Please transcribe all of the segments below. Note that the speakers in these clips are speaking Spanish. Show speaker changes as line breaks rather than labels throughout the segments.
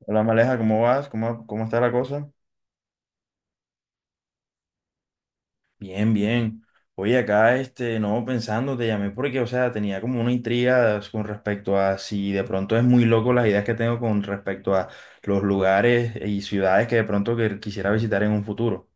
Hola Maleja, ¿cómo vas? ¿¿Cómo está la cosa? Bien, bien. Oye, acá, no, pensando, te llamé porque, o sea, tenía como una intriga con respecto a si de pronto es muy loco las ideas que tengo con respecto a los lugares y ciudades que de pronto que quisiera visitar en un futuro.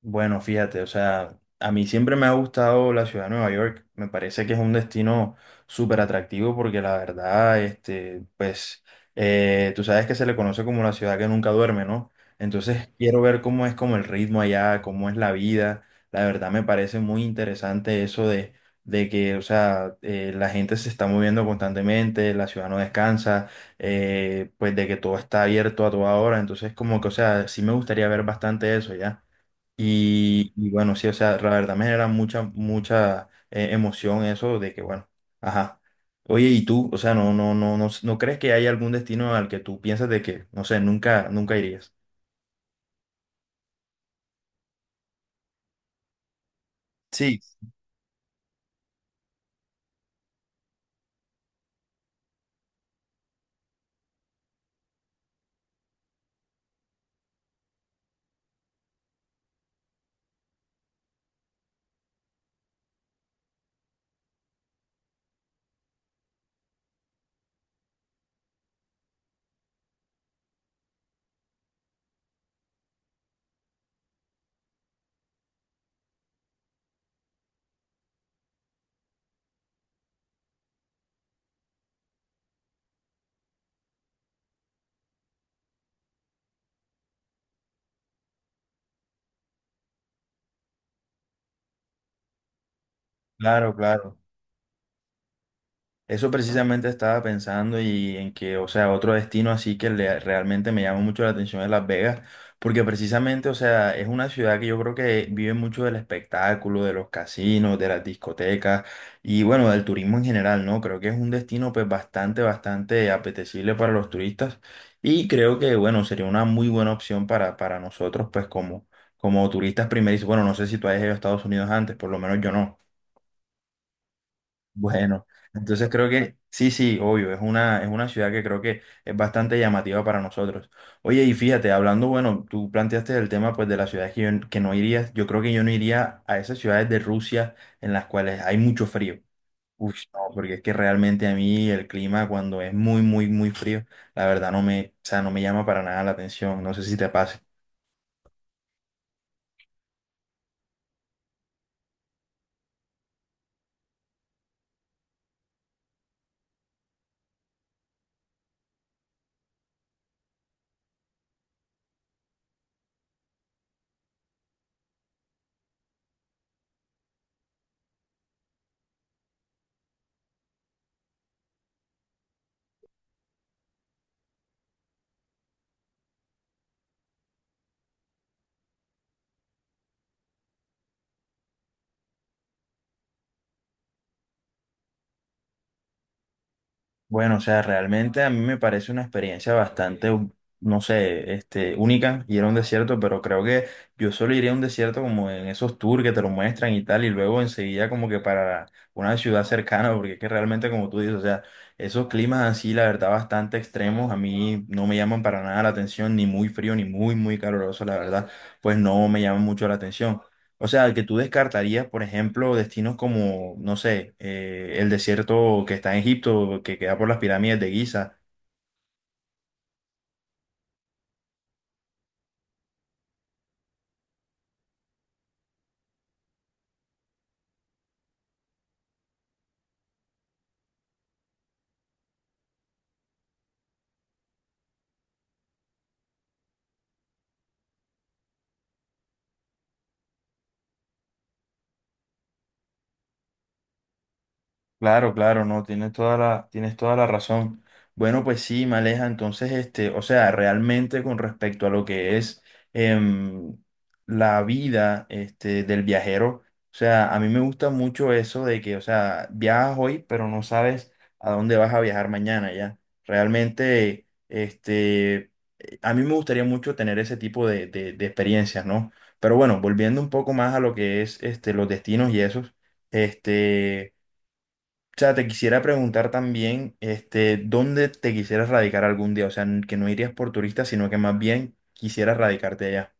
Bueno, fíjate, o sea, a mí siempre me ha gustado la ciudad de Nueva York. Me parece que es un destino súper atractivo porque la verdad, pues, tú sabes que se le conoce como la ciudad que nunca duerme, ¿no? Entonces, quiero ver cómo es como el ritmo allá, cómo es la vida. La verdad me parece muy interesante eso de que, o sea, la gente se está moviendo constantemente, la ciudad no descansa, pues de que todo está abierto a toda hora. Entonces, como que, o sea, sí me gustaría ver bastante eso ya. Y bueno, sí, o sea, la verdad me genera mucha emoción eso de que, bueno, ajá. Oye, ¿y tú? O sea, no, no, no, no, ¿no crees que hay algún destino al que tú piensas de que, no sé, nunca irías? Sí, claro, claro. Eso precisamente estaba pensando y en que, o sea, otro destino así realmente me llama mucho la atención es Las Vegas, porque precisamente, o sea, es una ciudad que yo creo que vive mucho del espectáculo, de los casinos, de las discotecas y bueno, del turismo en general, ¿no? Creo que es un destino pues bastante apetecible para los turistas y creo que, bueno, sería una muy buena opción para nosotros pues como, como turistas primerizos. Bueno, no sé si tú hayas ido a Estados Unidos antes, por lo menos yo no. Bueno, entonces creo que sí, sí, obvio, es una ciudad que creo que es bastante llamativa para nosotros. Oye, y fíjate, hablando, bueno, tú planteaste el tema pues de las ciudades que, que no irías, yo creo que yo no iría a esas ciudades de Rusia en las cuales hay mucho frío. Uy, no, porque es que realmente a mí el clima cuando es muy, muy, muy frío, la verdad no me, o sea, no me llama para nada la atención, no sé si te pasa. Bueno, o sea, realmente a mí me parece una experiencia bastante, no sé, única ir a un desierto, pero creo que yo solo iría a un desierto como en esos tours que te lo muestran y tal, y luego enseguida como que para una ciudad cercana, porque es que realmente como tú dices, o sea, esos climas así, la verdad, bastante extremos, a mí no me llaman para nada la atención, ni muy frío, ni muy, muy caluroso, la verdad, pues no me llaman mucho la atención. O sea, que tú descartarías, por ejemplo, destinos como, no sé, el desierto que está en Egipto, que queda por las pirámides de Giza. Claro, claro, no, tienes toda la razón. Bueno, pues sí, Maleja, entonces, o sea, realmente con respecto a lo que es em, la vida del viajero, o sea, a mí me gusta mucho eso de que, o sea, viajas hoy, pero no sabes a dónde vas a viajar mañana, ¿ya? Realmente, a mí me gustaría mucho tener ese tipo de experiencias, ¿no? Pero bueno, volviendo un poco más a lo que es los destinos y esos, este... O sea, te quisiera preguntar también, ¿dónde te quisieras radicar algún día? O sea, que no irías por turista, sino que más bien quisieras radicarte allá.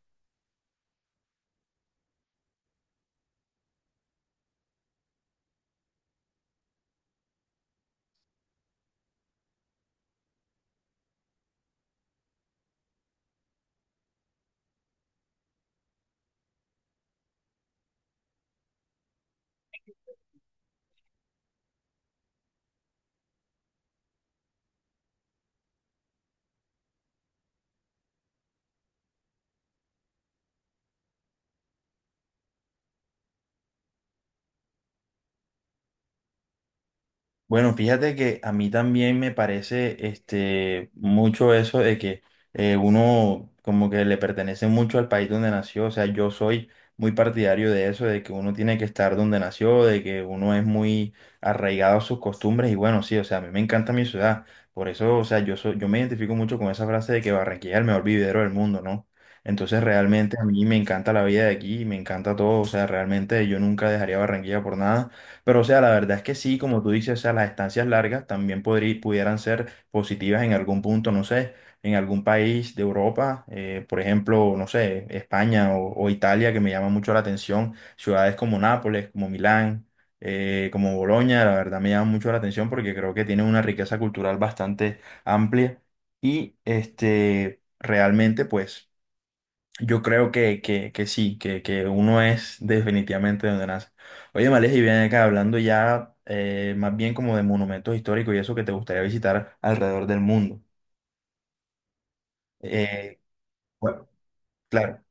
Bueno, fíjate que a mí también me parece mucho eso de que uno como que le pertenece mucho al país donde nació. O sea, yo soy muy partidario de eso, de que uno tiene que estar donde nació, de que uno es muy arraigado a sus costumbres. Y bueno, sí, o sea, a mí me encanta mi ciudad. Por eso, o sea, yo me identifico mucho con esa frase de que Barranquilla es el mejor vividero del mundo, ¿no? Entonces realmente a mí me encanta la vida de aquí, me encanta todo. O sea, realmente yo nunca dejaría Barranquilla por nada. Pero, o sea, la verdad es que sí, como tú dices, o sea, las estancias largas también pudieran ser positivas en algún punto, no sé, en algún país de Europa, por ejemplo, no sé, España o Italia, que me llama mucho la atención, ciudades como Nápoles, como Milán, como Bolonia, la verdad me llama mucho la atención porque creo que tienen una riqueza cultural bastante amplia y, realmente, pues... Yo creo que sí, que uno es definitivamente donde nace. Oye, Males, y bien acá hablando ya más bien como de monumentos históricos y eso que te gustaría visitar alrededor del mundo. Eh, bueno, claro.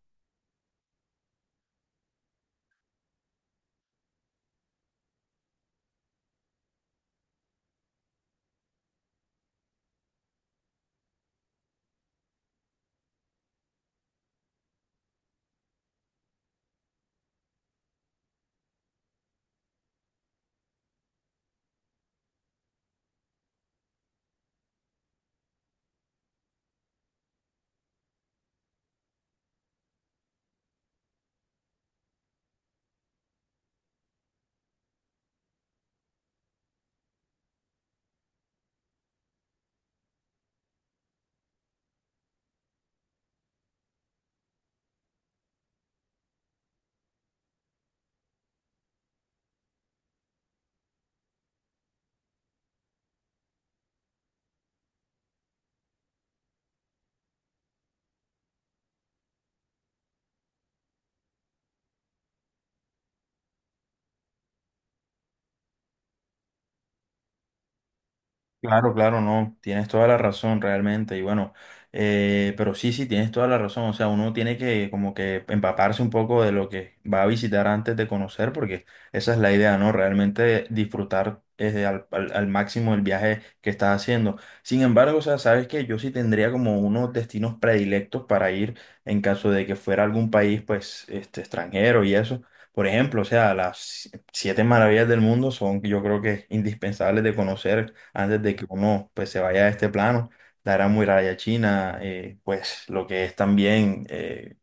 Claro, claro, no, tienes toda la razón realmente y bueno, pero sí, sí, tienes toda la razón, o sea, uno tiene que como que empaparse un poco de lo que va a visitar antes de conocer, porque esa es la idea, ¿no? Realmente disfrutar al máximo el viaje que estás haciendo. Sin embargo, o sea, sabes que yo sí tendría como unos destinos predilectos para ir en caso de que fuera algún país, pues, extranjero y eso. Por ejemplo, o sea, las siete maravillas del mundo son, yo creo que, indispensables de conocer antes de que uno pues se vaya a este plano, la Gran Muralla China, pues lo que es también eh,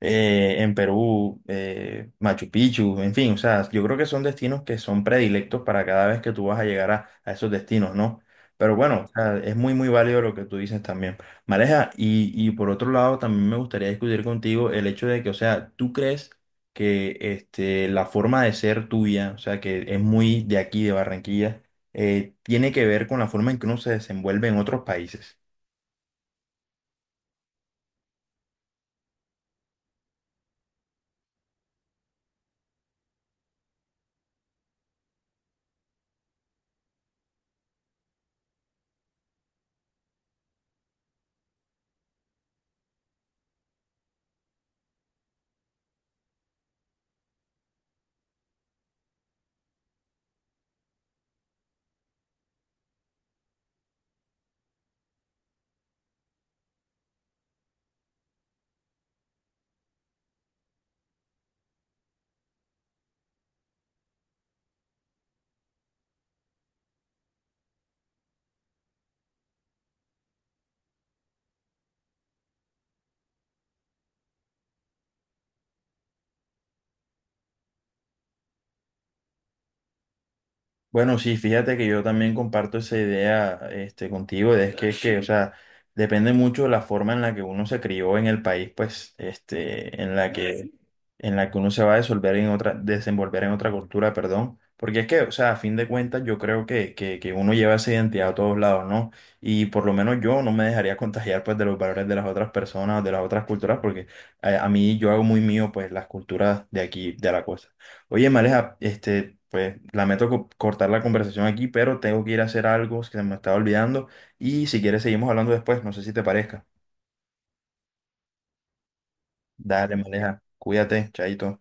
eh, en Perú, Machu Picchu, en fin, o sea, yo creo que son destinos que son predilectos para cada vez que tú vas a llegar a esos destinos, ¿no? Pero bueno, o sea, es muy válido lo que tú dices también. Maleja, y por otro lado, también me gustaría discutir contigo el hecho de que, o sea, tú crees que la forma de ser tuya, o sea, que es muy de aquí, de Barranquilla, tiene que ver con la forma en que uno se desenvuelve en otros países. Bueno, sí, fíjate que yo también comparto esa idea, contigo, es que, o sea, depende mucho de la forma en la que uno se crió en el país, pues, en la que uno se va a desenvolver en otra cultura, perdón, porque es que, o sea, a fin de cuentas, yo creo que uno lleva esa identidad a todos lados, ¿no? Y por lo menos yo no me dejaría contagiar, pues, de los valores de las otras personas o de las otras culturas, porque a mí yo hago muy mío, pues, las culturas de aquí, de la costa. Oye, Maleja, pues lamento cortar la conversación aquí, pero tengo que ir a hacer algo que se me estaba olvidando y si quieres seguimos hablando después, no sé si te parezca. Dale, Maleja, cuídate, chaito.